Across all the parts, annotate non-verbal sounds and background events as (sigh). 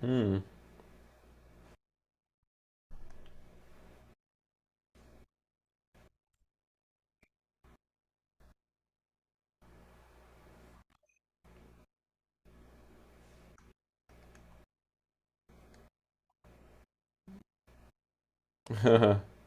Hum. (laughs)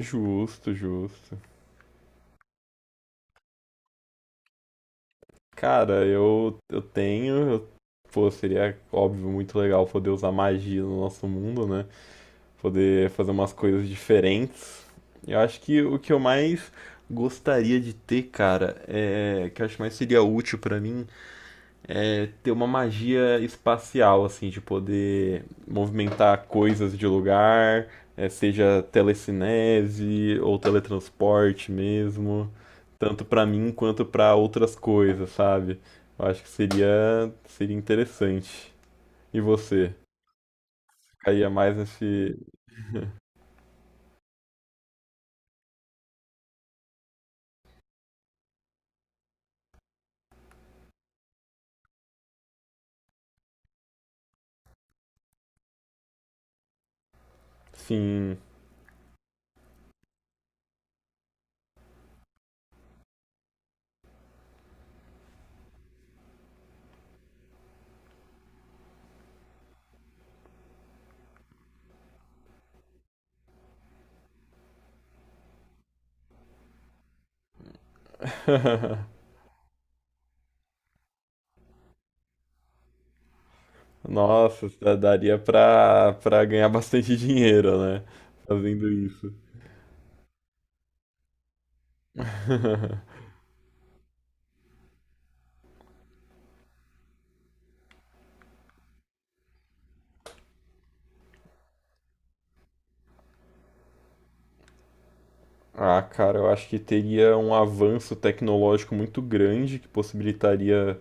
Justo, justo. Cara, eu tenho. Pô, seria, óbvio, muito legal poder usar magia no nosso mundo, né? Poder fazer umas coisas diferentes. Eu acho que o que eu mais gostaria de ter, cara, é. Que eu acho que mais seria útil pra mim ter uma magia espacial, assim, de poder movimentar coisas de lugar, seja telecinese ou teletransporte mesmo, tanto pra mim quanto pra outras coisas, sabe? Eu acho que seria interessante. E você? Caía mais nesse. Sim. (laughs) Nossa, daria pra ganhar bastante (laughs) dinheiro, né? Fazendo isso. (laughs) Ah, cara, eu acho que teria um avanço tecnológico muito grande que possibilitaria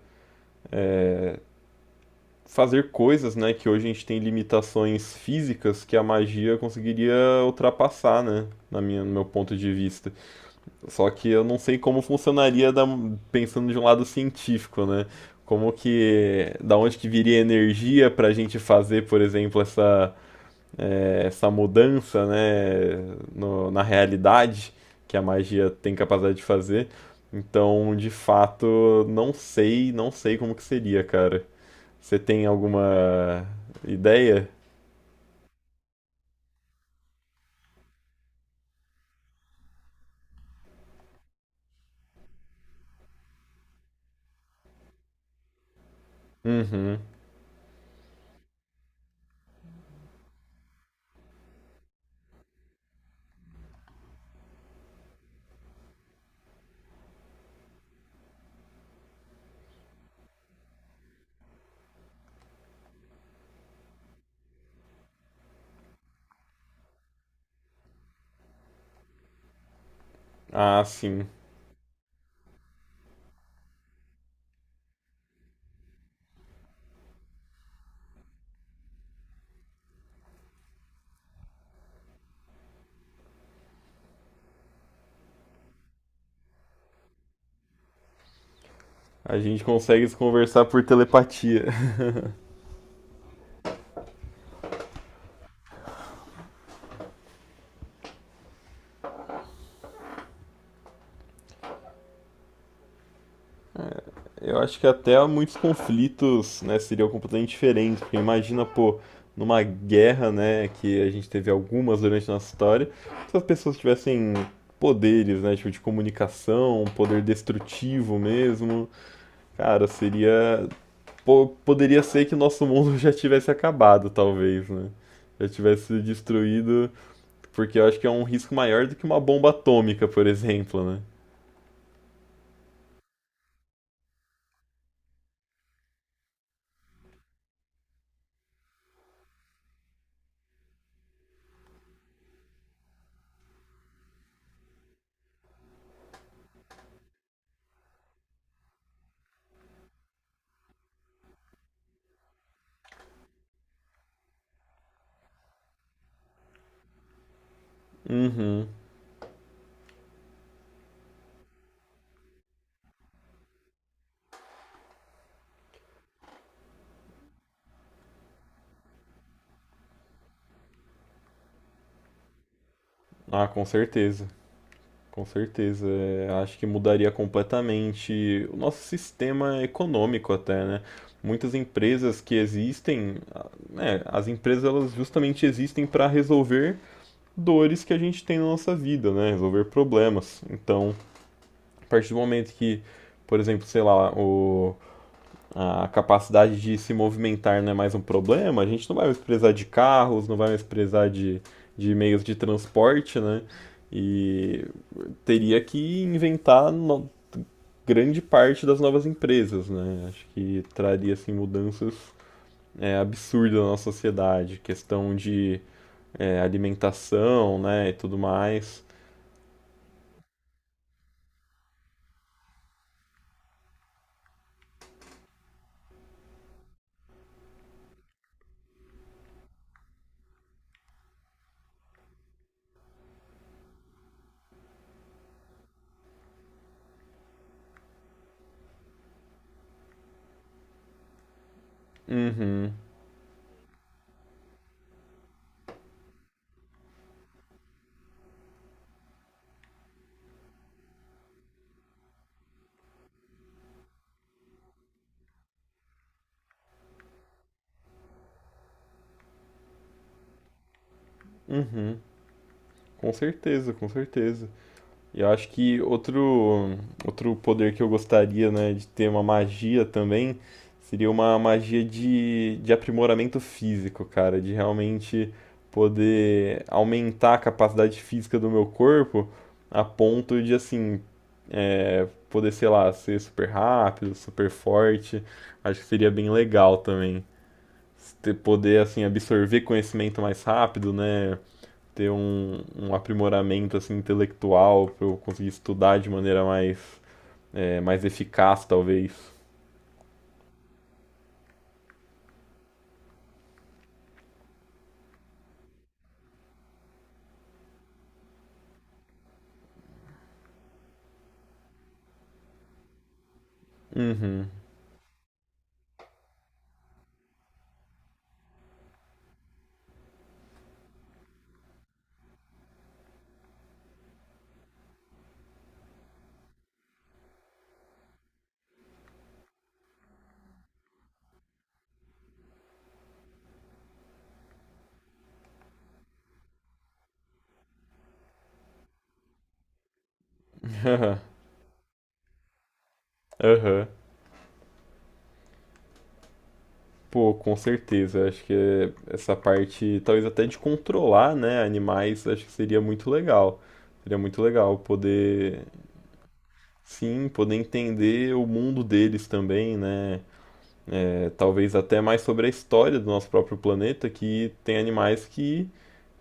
fazer coisas, né, que hoje a gente tem limitações físicas que a magia conseguiria ultrapassar, né, na no meu ponto de vista. Só que eu não sei como pensando de um lado científico, né? Como que, da onde que viria energia para a gente fazer, por exemplo, essa essa mudança, né, na realidade que a magia tem capacidade de fazer. Então, de fato, não sei como que seria, cara. Você tem alguma ideia? Uhum. Ah, sim. A gente consegue se conversar por telepatia. (laughs) Eu acho que até muitos conflitos, né, seriam completamente diferentes, porque imagina, pô, numa guerra, né, que a gente teve algumas durante a nossa história, se as pessoas tivessem poderes, né, tipo de comunicação, um poder destrutivo mesmo, cara, poderia ser que o nosso mundo (laughs) já tivesse acabado, talvez, né? Já tivesse sido destruído, porque eu acho que é um risco maior do que uma bomba atômica, por exemplo, né? Uhum. Ah, com certeza. Com certeza, é, acho que mudaria completamente o nosso sistema econômico até, né? Muitas empresas que existem, né, as empresas elas justamente existem para resolver dores que a gente tem na nossa vida, né? Resolver problemas. Então, a partir do momento que, por exemplo, sei lá, a capacidade de se movimentar não é mais um problema, a gente não vai mais precisar de carros, não vai mais precisar de meios de transporte, né? E teria que inventar no- grande parte das novas empresas, né? Acho que traria assim mudanças absurdas na nossa sociedade, questão de alimentação, né, e tudo mais. Uhum, uhum, com certeza, com certeza. E eu acho que outro poder que eu gostaria, né, de ter uma magia também, seria uma magia de aprimoramento físico, cara, de realmente poder aumentar a capacidade física do meu corpo a ponto de, assim, poder, sei lá, ser super rápido, super forte. Acho que seria bem legal também. Poder, assim, absorver conhecimento mais rápido, né? Ter um, um aprimoramento assim, intelectual, para eu conseguir estudar de maneira mais eficaz, talvez. Uhum. Aham. Pô, com certeza. Acho que é, essa parte, talvez até de controlar, né, animais, acho que seria muito legal. Seria muito legal poder, sim, poder entender o mundo deles também, né? É, talvez até mais sobre a história do nosso próprio planeta, que tem animais que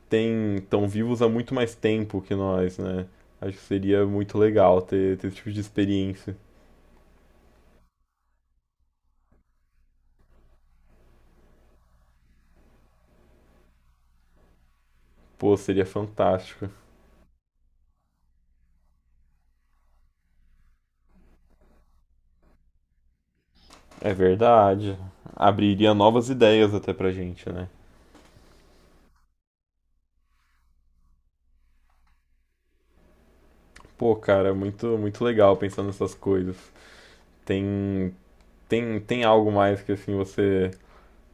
têm, estão vivos há muito mais tempo que nós, né? Acho que seria muito legal ter esse tipo de experiência. Pô, seria fantástico. É verdade. Abriria novas ideias até pra gente, né? Pô, cara, muito, muito legal pensar nessas coisas. Tem, tem algo mais que assim você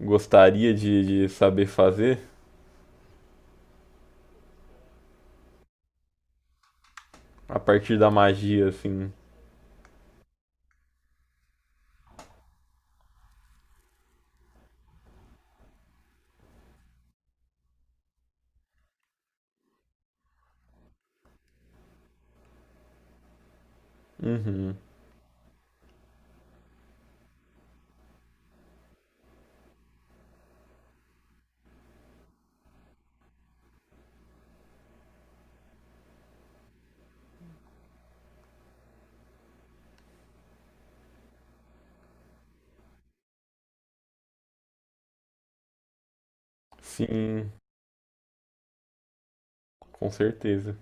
gostaria de saber fazer a partir da magia, assim? Uhum. Sim, com certeza.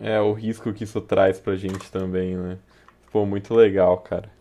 É, o risco que isso traz pra gente também, né? Pô, muito legal, cara.